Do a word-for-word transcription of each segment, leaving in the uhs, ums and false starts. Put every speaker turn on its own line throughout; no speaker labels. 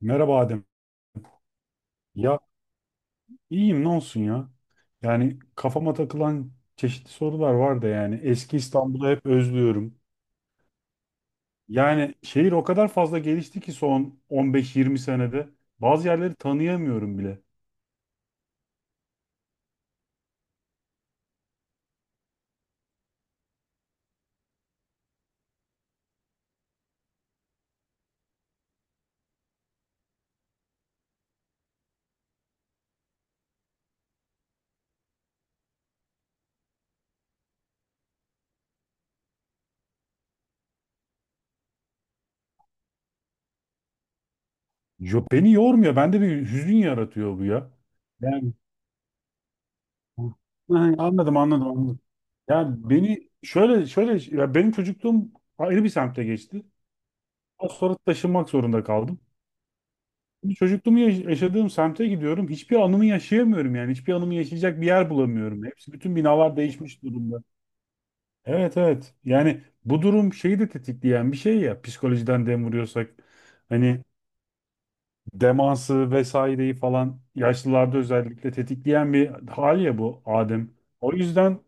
Merhaba Adem. Ya iyiyim ne olsun ya. Yani kafama takılan çeşitli sorular var da yani eski İstanbul'u hep özlüyorum. Yani şehir o kadar fazla gelişti ki son on beş yirmi senede bazı yerleri tanıyamıyorum bile. Yo, beni yormuyor. Bende bir hüzün yaratıyor bu ya. Yani ha, anladım anladım anladım. Yani beni şöyle şöyle ya benim çocukluğum ayrı bir semtte geçti. Daha sonra taşınmak zorunda kaldım. Şimdi Çocukluğumu yaş- yaşadığım semte gidiyorum. Hiçbir anımı yaşayamıyorum yani. Hiçbir anımı yaşayacak bir yer bulamıyorum. Hepsi bütün binalar değişmiş durumda. Evet evet. Yani bu durum şeyi de tetikleyen bir şey ya. Psikolojiden dem vuruyorsak. Hani demansı vesaireyi falan yaşlılarda özellikle tetikleyen bir hal ya bu Adem. O yüzden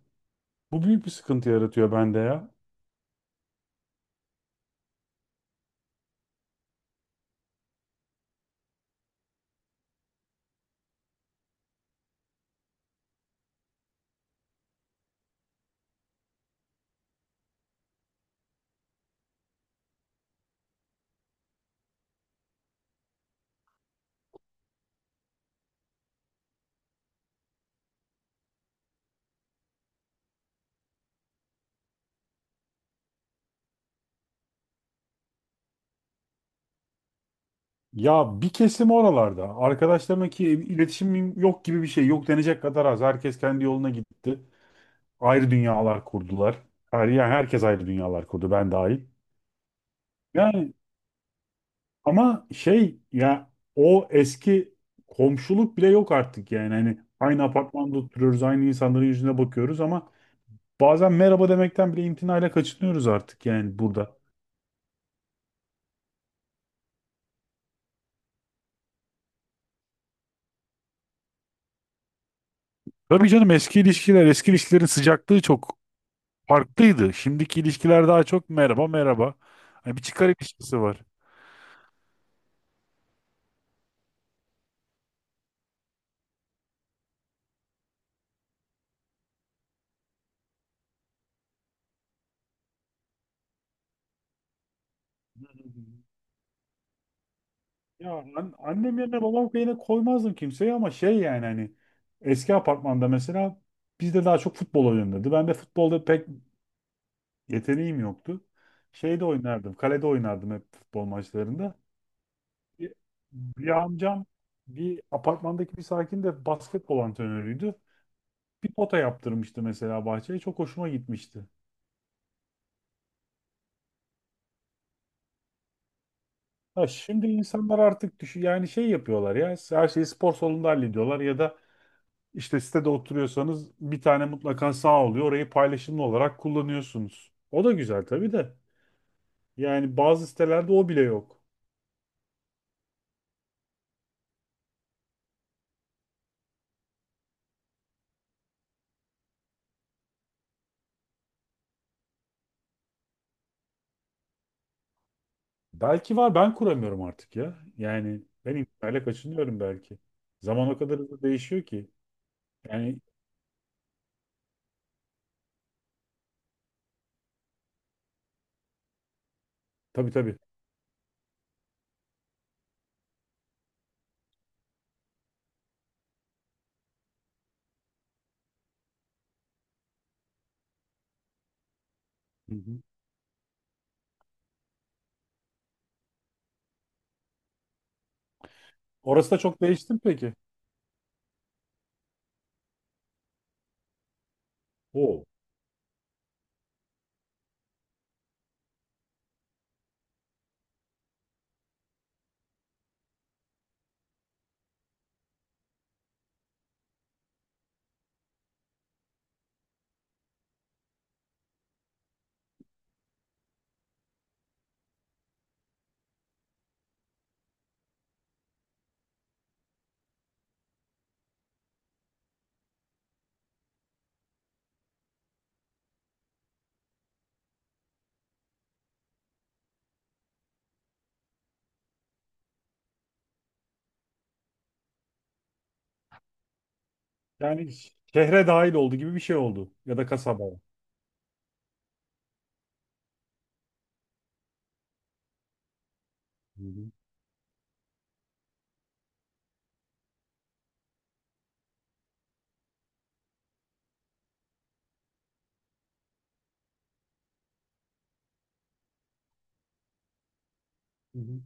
bu büyük bir sıkıntı yaratıyor bende ya. Ya bir kesim oralarda. Arkadaşlarımla ki iletişimim yok gibi bir şey. Yok denecek kadar az. Herkes kendi yoluna gitti. Ayrı dünyalar kurdular. Her, yani herkes ayrı dünyalar kurdu ben dahil. Yani ama şey ya o eski komşuluk bile yok artık yani. Hani aynı apartmanda oturuyoruz, aynı insanların yüzüne bakıyoruz ama bazen merhaba demekten bile imtinayla kaçınıyoruz artık yani burada. Tabii canım eski ilişkiler, eski ilişkilerin sıcaklığı çok farklıydı. Şimdiki ilişkiler daha çok merhaba merhaba. Hani bir çıkar ilişkisi var. Ya an- annem yerine babam yerine koymazdım kimseyi ama şey yani hani eski apartmanda mesela bizde daha çok futbol oynanırdı. Ben de futbolda pek yeteneğim yoktu. Şeyde oynardım, kalede oynardım hep futbol maçlarında. Bir, bir amcam bir apartmandaki bir sakin de basketbol antrenörüydü. Bir pota yaptırmıştı mesela bahçeye. Çok hoşuma gitmişti. Ha, şimdi insanlar artık düşün yani şey yapıyorlar ya her şeyi spor salonunda hallediyorlar ya da işte sitede oturuyorsanız bir tane mutlaka sağ oluyor. Orayı paylaşımlı olarak kullanıyorsunuz. O da güzel tabii de. Yani bazı sitelerde o bile yok. Belki var ben kuramıyorum artık ya. Yani ben internetle kaçınıyorum belki. Zaman o kadar hızlı değişiyor ki. Yani tabii tabii. Hı hı. Orası da çok değişti mi peki? O. Yani şehre dahil oldu gibi bir şey oldu ya da kasaba. Hı hı. Hı hı.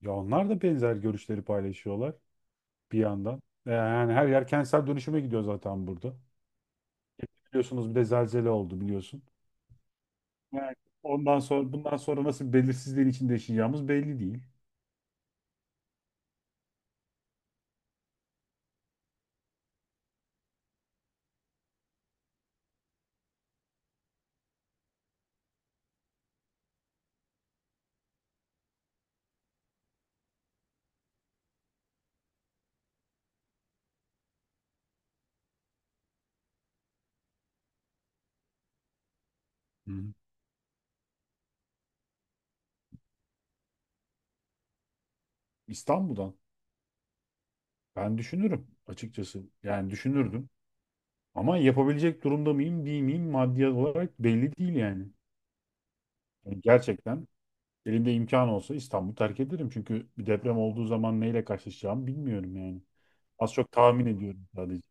Ya onlar da benzer görüşleri paylaşıyorlar bir yandan. E, Yani her yer kentsel dönüşüme gidiyor zaten burada. Biliyorsunuz bir de zelzele oldu biliyorsun. Yani ondan sonra bundan sonra nasıl bir belirsizliğin içinde yaşayacağımız belli değil. Hı hı. İstanbul'dan ben düşünürüm açıkçası. Yani düşünürdüm. Ama yapabilecek durumda mıyım, değil miyim maddi olarak belli değil yani. Yani gerçekten, elimde imkan olsa İstanbul'u terk ederim. Çünkü bir deprem olduğu zaman neyle karşılaşacağımı bilmiyorum yani. Az çok tahmin ediyorum sadece.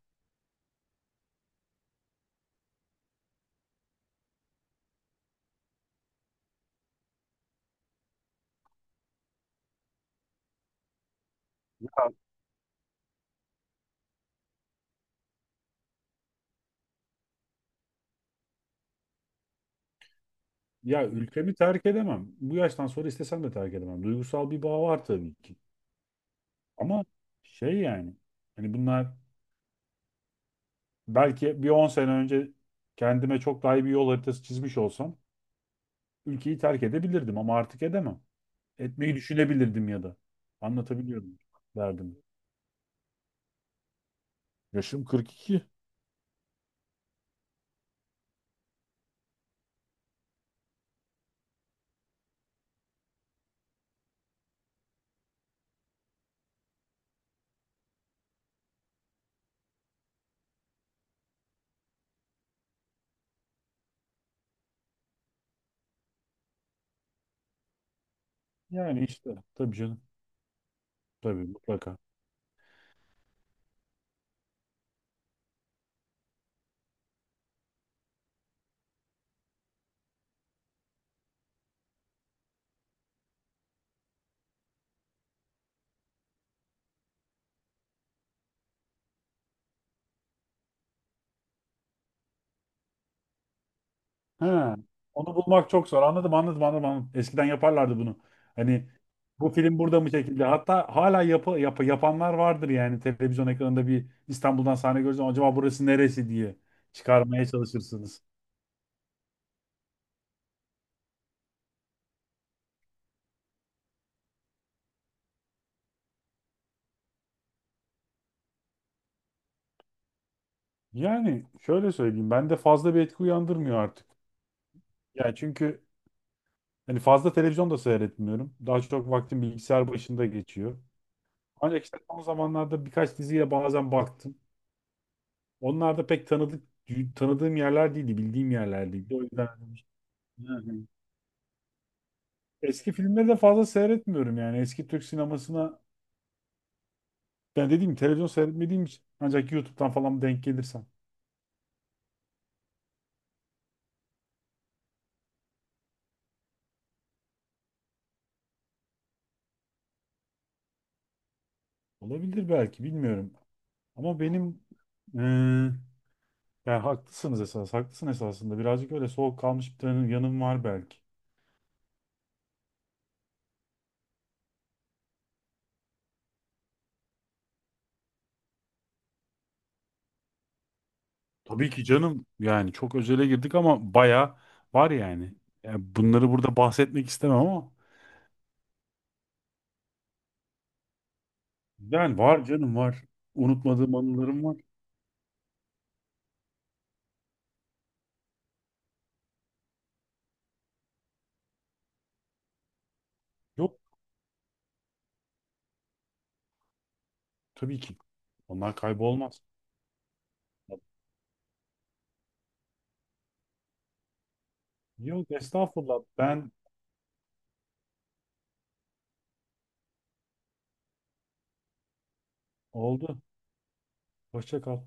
Ya ülkemi terk edemem. Bu yaştan sonra istesem de terk edemem. Duygusal bir bağ var tabii ki. Ama şey yani. Hani bunlar belki bir on sene önce kendime çok daha iyi bir yol haritası çizmiş olsam ülkeyi terk edebilirdim ama artık edemem. Etmeyi düşünebilirdim ya da. Anlatabiliyorum derdim. Yaşım kırk iki. Yani işte tabii canım. Tabii mutlaka. Ha, onu bulmak çok zor. Anladım, anladım, anladım, anladım. Eskiden yaparlardı bunu. Hani bu film burada mı çekildi? Hatta hala yapı, yapı yapanlar vardır yani televizyon ekranında bir İstanbul'dan sahne görürsen acaba burası neresi diye çıkarmaya çalışırsınız. Yani şöyle söyleyeyim, bende fazla bir etki uyandırmıyor artık. Yani çünkü hani fazla televizyon da seyretmiyorum. Daha çok vaktim bilgisayar başında geçiyor. Ancak işte son zamanlarda birkaç diziye bazen baktım. Onlar da pek tanıdık tanıdığım yerler değildi, bildiğim yerler değildi. O yüzden hı hı. Eski filmleri de fazla seyretmiyorum yani. Eski Türk sinemasına ben dediğim gibi televizyon seyretmediğim için ancak YouTube'dan falan denk gelirsem. Olabilir belki bilmiyorum. Ama benim eee yani haklısınız esas. Haklısın esasında. Birazcık öyle soğuk kalmış bir tane yanım var belki. Tabii ki canım yani çok özele girdik ama baya var yani. Yani bunları burada bahsetmek istemem ama yani var canım var. Unutmadığım anılarım var. Yok tabii ki. Onlar kaybolmaz. Yok estağfurullah ben oldu. Hoşça kal.